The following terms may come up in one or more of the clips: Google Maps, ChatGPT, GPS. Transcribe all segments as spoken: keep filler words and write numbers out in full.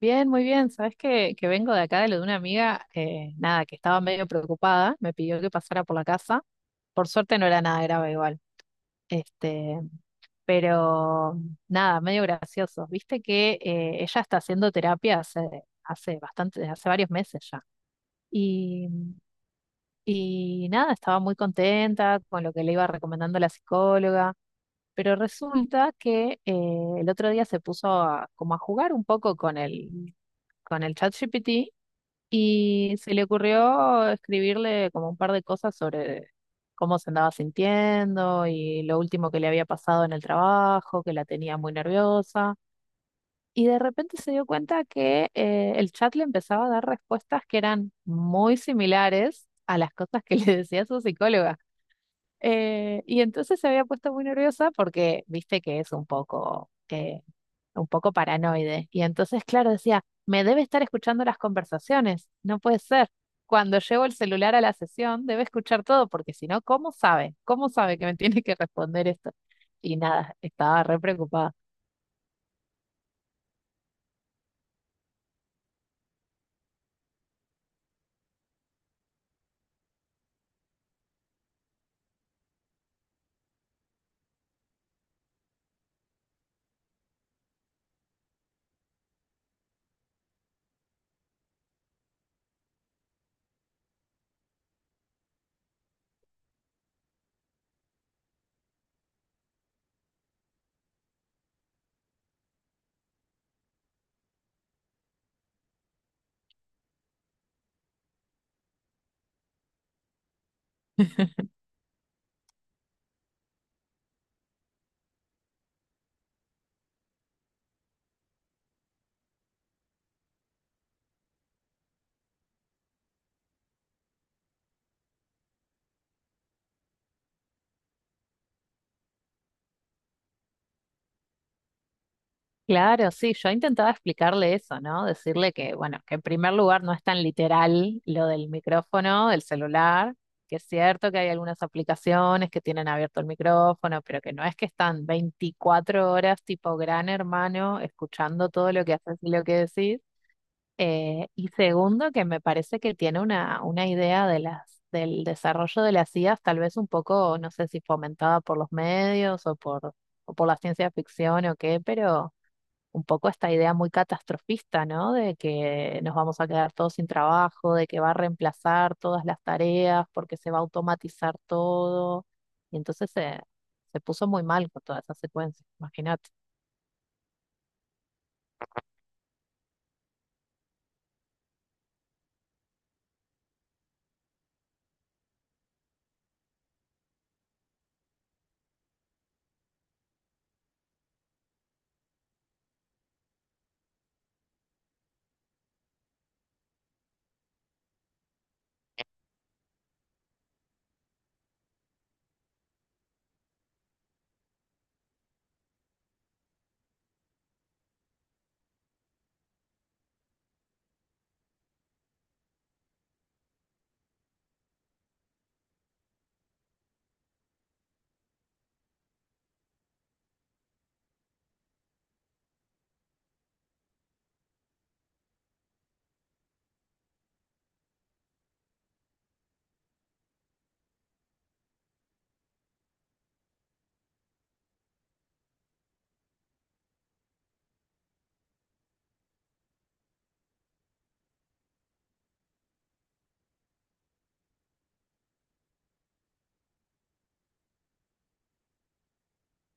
Bien, muy bien. Sabes que, que vengo de acá de lo de una amiga, eh, nada, que estaba medio preocupada, me pidió que pasara por la casa. Por suerte no era nada grave igual. Este, pero nada, medio gracioso. Viste que eh, ella está haciendo terapia hace, hace bastante, hace varios meses ya. Y, y nada, estaba muy contenta con lo que le iba recomendando la psicóloga. Pero resulta que eh, el otro día se puso a- como a jugar un poco con el, con el ChatGPT. Y se le ocurrió escribirle como un par de cosas sobre cómo se andaba sintiendo y lo último que le había pasado en el trabajo, que la tenía muy nerviosa. Y de repente se dio cuenta que eh, el chat le empezaba a dar respuestas que eran muy similares a las cosas que le decía su psicóloga. Eh, y entonces se había puesto muy nerviosa porque viste que es un poco, que, un poco paranoide. Y entonces, claro, decía, me debe estar escuchando las conversaciones, no puede ser. Cuando llevo el celular a la sesión, debe escuchar todo, porque si no, ¿cómo sabe? ¿Cómo sabe que me tiene que responder esto? Y nada, estaba re preocupada. Claro, sí, yo intentaba explicarle eso, ¿no? Decirle que, bueno, que en primer lugar no es tan literal lo del micrófono, del celular, que es cierto que hay algunas aplicaciones que tienen abierto el micrófono, pero que no es que están veinticuatro horas tipo gran hermano escuchando todo lo que haces y lo que decís. Eh, y segundo, que me parece que tiene una, una idea de las, del desarrollo de las I As, tal vez un poco, no sé si fomentada por los medios o por, o por la ciencia ficción o qué, pero un poco esta idea muy catastrofista, ¿no? De que nos vamos a quedar todos sin trabajo, de que va a reemplazar todas las tareas porque se va a automatizar todo. Y entonces se, se puso muy mal con toda esa secuencia, imagínate.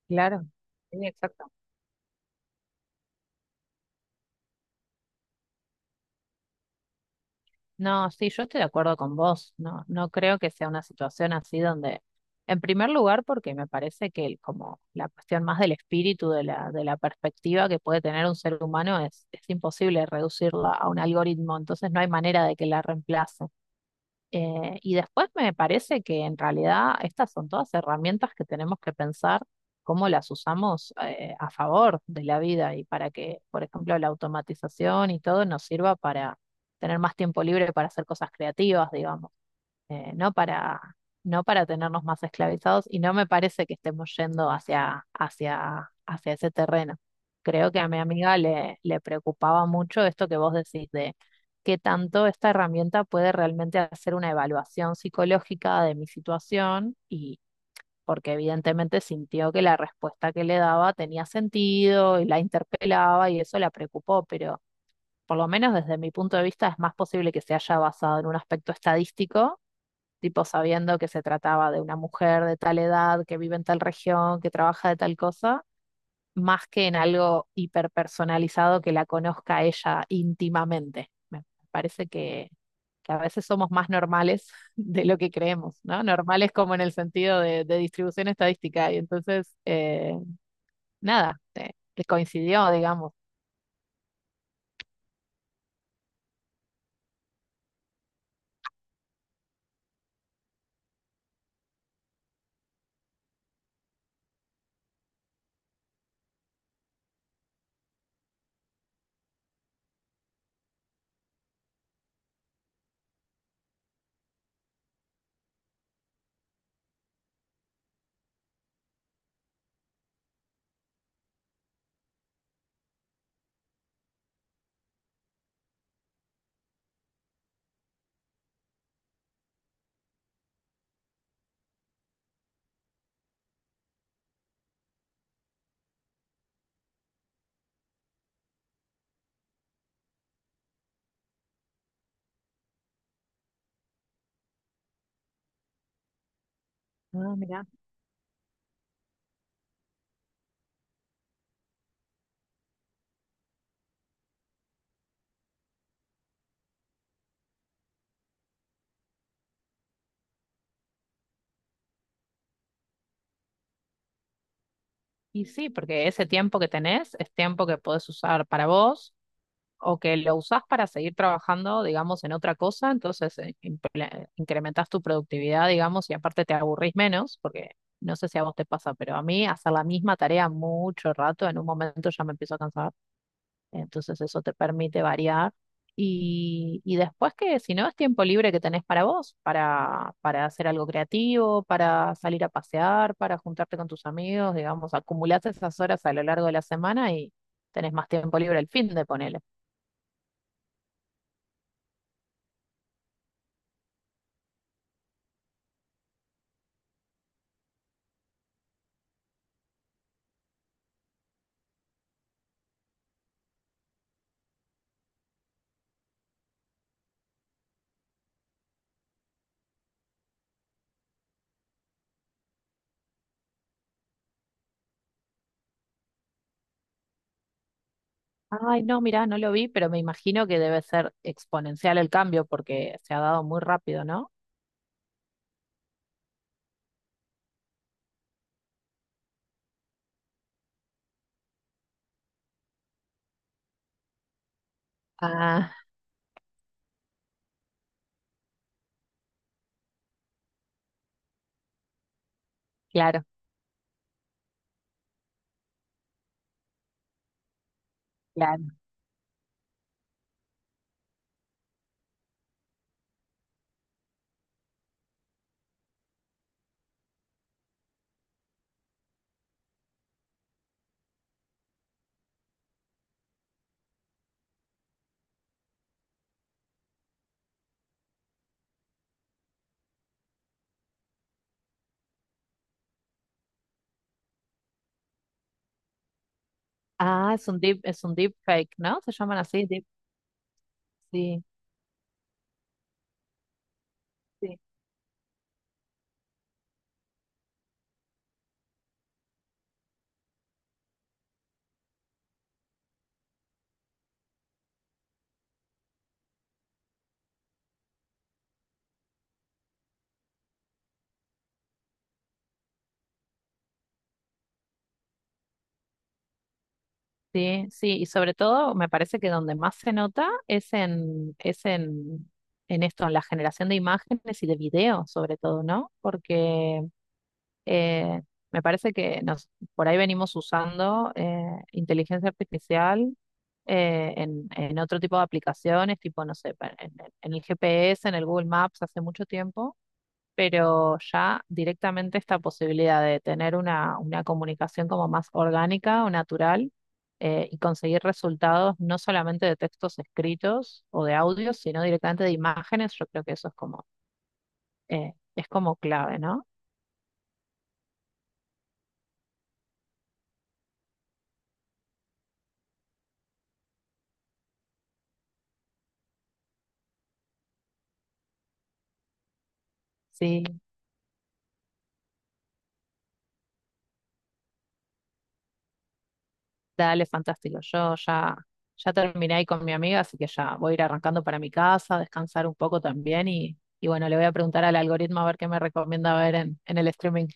Claro, sí, exactamente. No, sí, yo estoy de acuerdo con vos. No, no creo que sea una situación así donde, en primer lugar, porque me parece que el- como la cuestión más del espíritu, de la, de la perspectiva que puede tener un ser humano, es, es imposible reducirla a un algoritmo. Entonces no hay manera de que la reemplace. Eh, y después me parece que en realidad estas son todas herramientas que tenemos que pensar cómo las usamos eh, a favor de la vida y para que, por ejemplo, la automatización y todo nos sirva para tener más tiempo libre para hacer cosas creativas, digamos eh, no para, no para tenernos más esclavizados y no me parece que estemos yendo hacia, hacia, hacia ese terreno. Creo que a mi amiga le, le preocupaba mucho esto que vos decís de qué tanto esta herramienta puede realmente hacer una evaluación psicológica de mi situación y porque evidentemente sintió que la respuesta que le daba tenía sentido y la interpelaba y eso la preocupó, pero por lo menos desde mi punto de vista es más posible que se haya basado en un aspecto estadístico tipo sabiendo que se trataba de una mujer de tal edad, que vive en tal región, que trabaja de tal cosa, más que en algo hiperpersonalizado que la conozca ella íntimamente. Me parece que, que a veces somos más normales de lo que creemos, ¿no? Normales como en el sentido de, de distribución estadística. Y entonces, eh, nada, eh, que coincidió, digamos. Ah, mirá. Y sí, porque ese tiempo que tenés es tiempo que podés usar para vos o que lo usás para seguir trabajando, digamos, en otra cosa, entonces eh, imple- incrementás tu productividad, digamos, y aparte te aburrís menos, porque no sé si a vos te pasa, pero a mí hacer la misma tarea mucho rato, en un momento ya me empiezo a cansar, entonces eso te permite variar. Y, y después que si no es tiempo libre que tenés para vos, para, para hacer algo creativo, para salir a pasear, para juntarte con tus amigos, digamos, acumulás esas horas a lo largo de la semana y tenés más tiempo libre el fin de ponerle. Ay, no, mirá, no lo vi, pero me imagino que debe ser exponencial el cambio porque se ha dado muy rápido, ¿no? Ah, claro, claro. Ah, es un deep, es un deep fake, ¿no? Se llaman así, deep. Sí, sí, sí, sí. Y sobre todo, me parece que donde más se nota es en, es en, en esto, en la generación de imágenes y de videos, sobre todo, ¿no? Porque Eh, me parece que nos, por ahí venimos usando eh, inteligencia artificial eh, en, en otro tipo de aplicaciones, tipo, no sé, pa- en, en- en el G P S, en el Google Maps hace mucho tiempo, pero ya directamente esta posibilidad de tener una, una comunicación como más orgánica o natural eh, y conseguir resultados no solamente de textos escritos o de audios, sino directamente de imágenes, yo creo que eso es como, eh, es como clave, ¿no? Sí. Dale, fantástico. Yo ya, ya terminé ahí con mi amiga, así que ya voy a ir arrancando para mi casa, descansar un poco también y, y bueno, le voy a preguntar al algoritmo a ver qué me recomienda ver en, en el streaming.